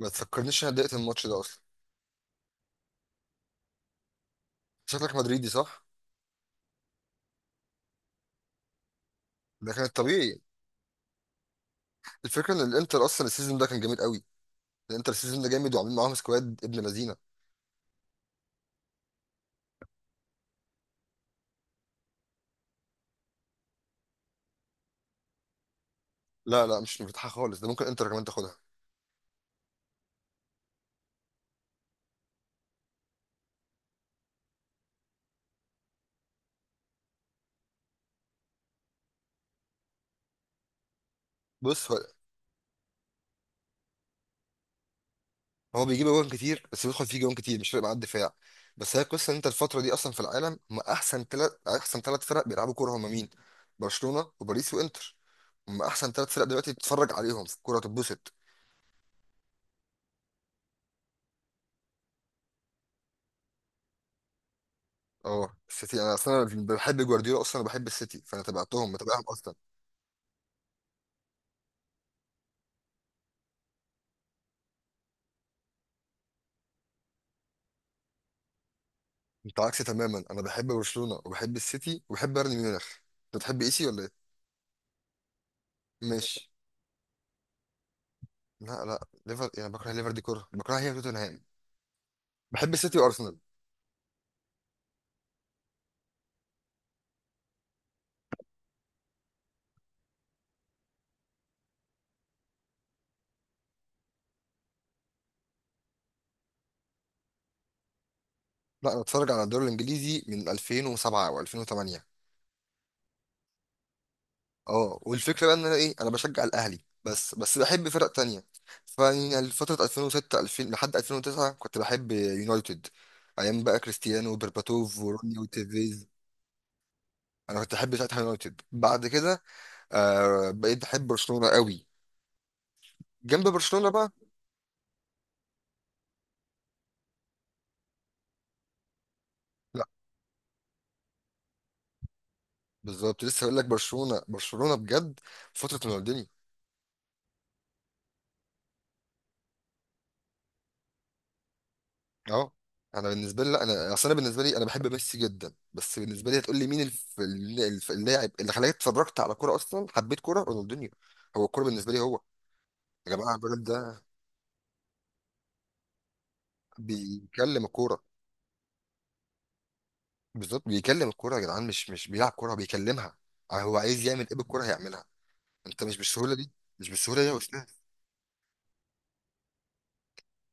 ما تفكرنيش إن انا ضايقت الماتش ده اصلا. شكلك مدريدي، صح؟ ده كان الطبيعي. الفكره ان الانتر اصلا السيزون ده كان جامد قوي. الانتر السيزون ده جامد وعاملين معاهم سكواد ابن لذينه. لا لا، مش مرتاحه خالص، ده ممكن انتر كمان تاخدها. بص. هو بيجيب جوان كتير بس بيدخل فيه جوان كتير، مش فارق معاه الدفاع. بس هي القصه ان انت الفتره دي اصلا في العالم هم احسن ثلاث فرق بيلعبوا كوره، هم مين؟ برشلونه وباريس وانتر. هم احسن ثلاث فرق دلوقتي تتفرج عليهم في الكوره تتبسط. اه، السيتي انا اصلا بحب جوارديولا، اصلا بحب السيتي فانا تبعتهم متابعهم اصلا. انت عكسي تماما، انا بحب برشلونه وبحب السيتي وبحب بايرن ميونخ. انت بتحب ايسي ولا ايه؟ ماشي. لا لا، ليفر يعني بكره ليفر دي كره، بكره هي توتنهام. بحب السيتي وارسنال. لا انا بتفرج على الدوري الانجليزي من 2007 او 2008. اه، والفكره بقى ان انا ايه، انا بشجع الاهلي. بس بحب فرق تانية. فيعني فتره 2006، 2000 لحد 2009 كنت بحب يونايتد، ايام بقى كريستيانو وبرباتوف وروني وتيفيز. انا كنت بحب ساعتها يونايتد، بعد كده بقيت بحب برشلونه قوي، جنب برشلونة بقى. لا، بالظبط لسه هقول لك. برشلونة برشلونة بجد، فترة رونالديني. اه، انا بالنسبة لي، لا انا اصل انا بالنسبة لي انا بحب ميسي جدا، بس بالنسبة لي هتقول لي مين اللاعب اللي خلاني اتفرجت على كورة اصلا؟ حبيت كورة رونالدينيو. هو الكورة بالنسبة لي هو. يا جماعة الراجل ده بيكلم الكورة. بالظبط، بيكلم الكورة يا جدعان، مش بيلعب كورة، بيكلمها. هو عايز يعمل ايه بالكورة هيعملها. انت مش بالسهولة دي، مش بالسهولة دي يا استاذ.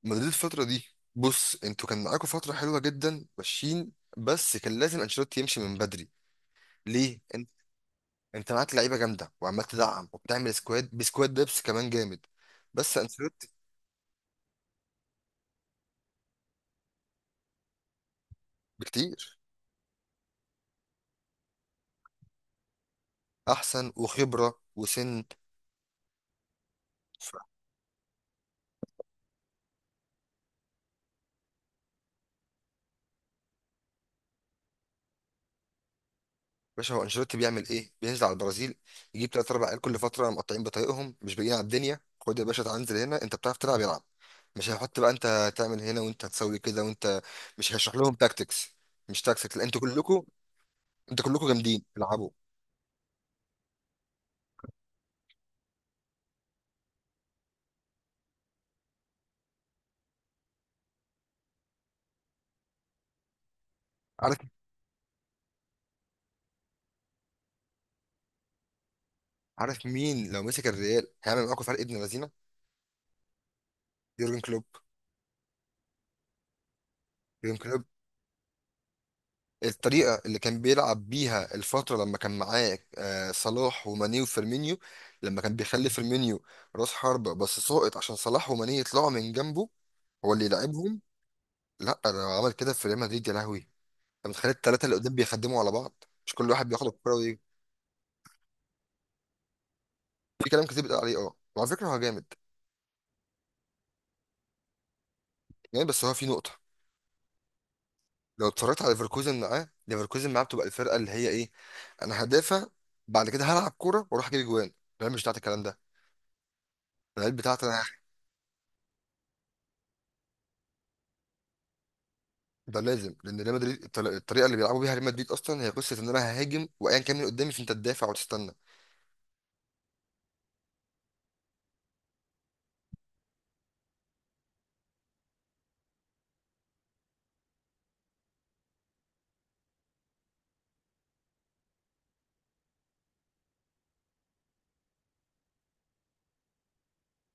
مدريد الفترة دي، بص انتوا كان معاكوا فترة حلوة جدا ماشيين، بس كان لازم انشيلوتي يمشي من بدري. ليه؟ انت، انت معاك لعيبة جامدة وعمال تدعم وبتعمل سكواد بسكواد دبس كمان جامد، بس انشيلوتي بكتير احسن، وخبرة، وسن. ف- باشا، هو انشيلوتي بيعمل ايه؟ بينزل على البرازيل، يجيب تلات اربع عيال كل فترة مقطعين بطايقهم مش باقيين على الدنيا، خد يا باشا تعال انزل هنا، انت بتعرف تلعب، يلعب. مش هيحط بقى انت تعمل هنا وانت هتسوي كده وانت، مش هيشرح لهم تاكتكس. مش تاكتكس، لا انتوا كلكم، انتوا كلكم جامدين العبوا. عارف، عارف مين لو مسك الريال هيعمل معاكم فرق ابن لذينه؟ يورجن كلوب. يورجن كلوب، الطريقه اللي كان بيلعب بيها الفتره لما كان معاه صلاح وماني وفيرمينيو، لما كان بيخلي فيرمينيو راس حربه بس ساقط عشان صلاح وماني يطلعوا من جنبه، هو اللي يلعبهم. لا، لو عمل كده في ريال مدريد يا لهوي انت. متخيل الثلاثه اللي قدام بيخدموا على بعض مش كل واحد بياخد الكوره ويجي. في كلام كتير بيتقال عليه، اه وعلى فكره هو جامد، جامد، بس هو في نقطه. لو اتفرجت على ليفركوزن معاه، ليفركوزن معاه بتبقى الفرقه اللي هي ايه، انا هدافع بعد كده هلعب كوره واروح اجيب جوان. الريال مش بتاعت الكلام ده، الريال بتاعت انا. ده لازم، لان ريال مدريد الطريقه اللي بيلعبوا بيها ريال مدريد اصلا هي قصه ان انا ههاجم وايا كان اللي قدامي فانت تدافع وتستنى.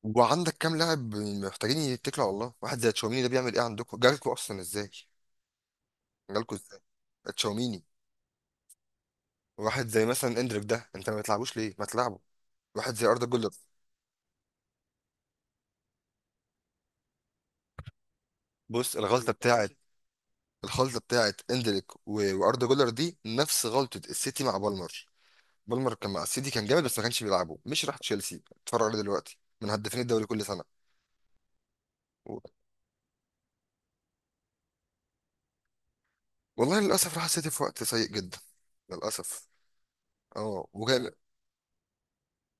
وعندك كام لاعب محتاجين يتكلوا على الله، واحد زي تشاوميني ده بيعمل ايه عندكم، جالكوا اصلا ازاي؟ جالكوا ازاي؟ تشاوميني. واحد زي مثلا اندريك ده انت ما بتلعبوش ليه، ما تلعبه. واحد زي اردا جولر. بص الغلطه بتاعه، الخلطه بتاعت اندريك واردا جولر دي نفس غلطه السيتي مع بالمر. بالمر كان مع السيتي كان جامد بس ما كانش بيلعبه، مش راح تشيلسي اتفرج عليه دلوقتي من هدافين الدوري كل سنه. و- والله للاسف راح السيتي في وقت سيء جدا، للاسف. اه، وكان،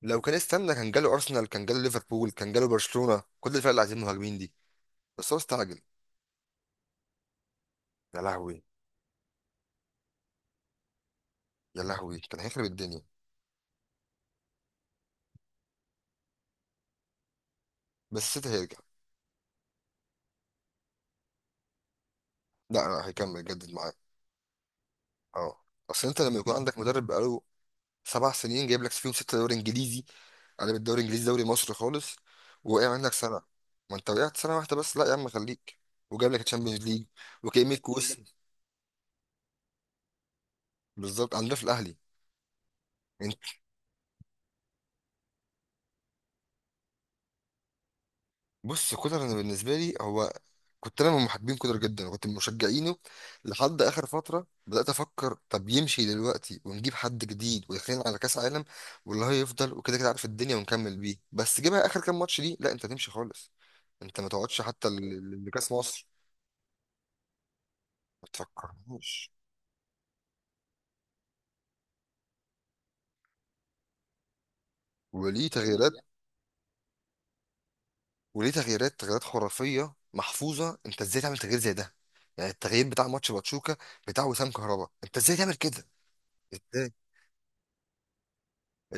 لو كان استنى كان جاله ارسنال، كان جاله ليفربول، كان جاله برشلونه، كل الفرق اللي عايزين مهاجمين دي، بس هو استعجل. يا لهوي. يا لهوي كان هيخرب الدنيا. بس السيتي هيرجع. لا لا، هيكمل يجدد معاه. اه. اصل انت لما يكون عندك مدرب بقاله 7 سنين جايب لك فيهم ستة دوري انجليزي، قلب الدوري الانجليزي دوري مصر خالص، وقع منك سنة. ما انت وقعت سنة واحدة بس، لا يا عم خليك، وجاب لك الشامبيونز ليج وكأمية كوس. بالظبط، عندنا في الاهلي. انت، بص كولر، انا بالنسبة لي هو، كنت انا من محبين كولر جدا وكنت من مشجعينه. لحد اخر فترة بدأت افكر طب يمشي دلوقتي ونجيب حد جديد ويخلينا على كاس عالم، والله هيفضل وكده كده عارف الدنيا ونكمل بيه. بس جيبها اخر كام ماتش دي لا انت تمشي خالص. انت ما تقعدش حتى لكاس مصر. ما تفكرنيش. وليه تغييرات وليه تغييرات، تغييرات خرافيه محفوظه، انت ازاي تعمل تغيير زي ده؟ يعني التغيير بتاع ماتش باتشوكا، بتاع وسام كهربا، انت ازاي تعمل كده؟ ازاي.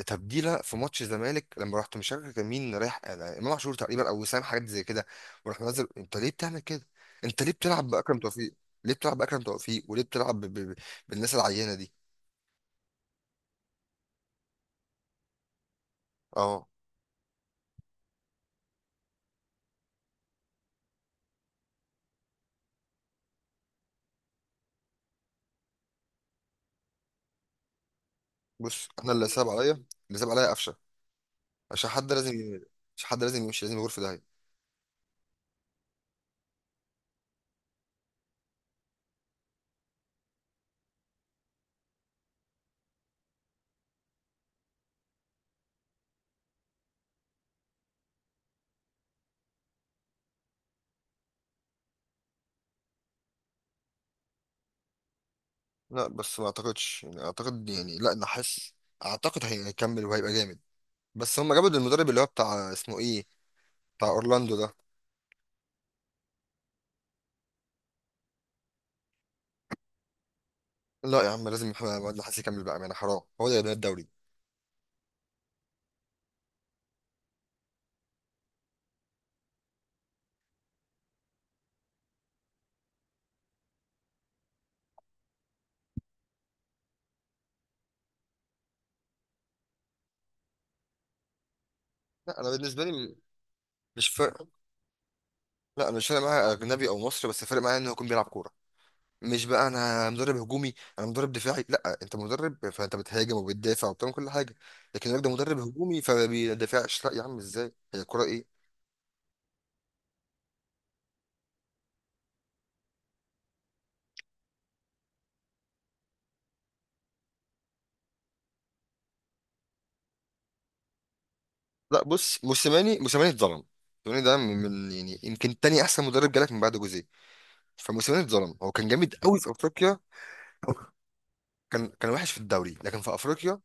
تبديله في ماتش الزمالك لما رحت مش فاكر كان مين رايح، يعني امام عاشور تقريبا او وسام، حاجات زي كده. وراح منزل، انت ليه بتعمل كده؟ انت ليه بتلعب باكرم توفيق؟ ليه بتلعب باكرم توفيق وليه بتلعب بالناس العينه دي؟ اه، بص انا اللي صعب عليا، اللي صعب عليا قفشه، عشان حد لازم، عشان حد لازم يمشي، لازم يغور في ده. لا بس ما اعتقدش، يعني اعتقد يعني لا نحس، اعتقد هيكمل وهيبقى جامد. بس هم جابوا المدرب اللي هو بتاع اسمه ايه، بتاع اورلاندو ده. لا يا عم لازم محمد نحاس يكمل بقى يعني حرام، هو ده اللي بنى الدوري. لا انا بالنسبه لي مش فارق، لا انا مش فارق معايا اجنبي او مصري، بس فارق معايا انه يكون بيلعب كوره. مش بقى انا مدرب هجومي انا مدرب دفاعي، لا انت مدرب فانت بتهاجم وبتدافع وبتعمل كل حاجه. لكن الراجل ده مدرب هجومي فما بيدافعش، لا يا عم ازاي هي الكوره ايه؟ لا بص موسيماني اتظلم. موسيماني ده يعني يمكن تاني احسن مدرب جالك من بعد جوزيه. فموسيماني اتظلم، هو كان جامد قوي في افريقيا. كان وحش في الدوري لكن في افريقيا،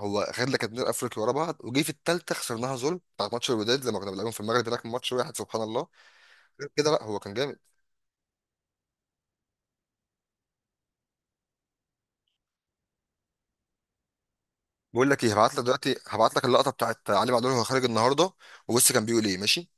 هو خد لك اتنين افريقيا ورا بعض وجه في التالتة خسرناها ظلم بتاعت ماتش الوداد لما كنا بنلعبهم في المغرب هناك، ماتش واحد سبحان الله. غير كده لا هو كان جامد. بقول لك ايه، هبعت لك دلوقتي، هبعت لك اللقطة بتاعت علي معلول وهو خارج النهارده. وبص كان بيقول ايه، ماشي.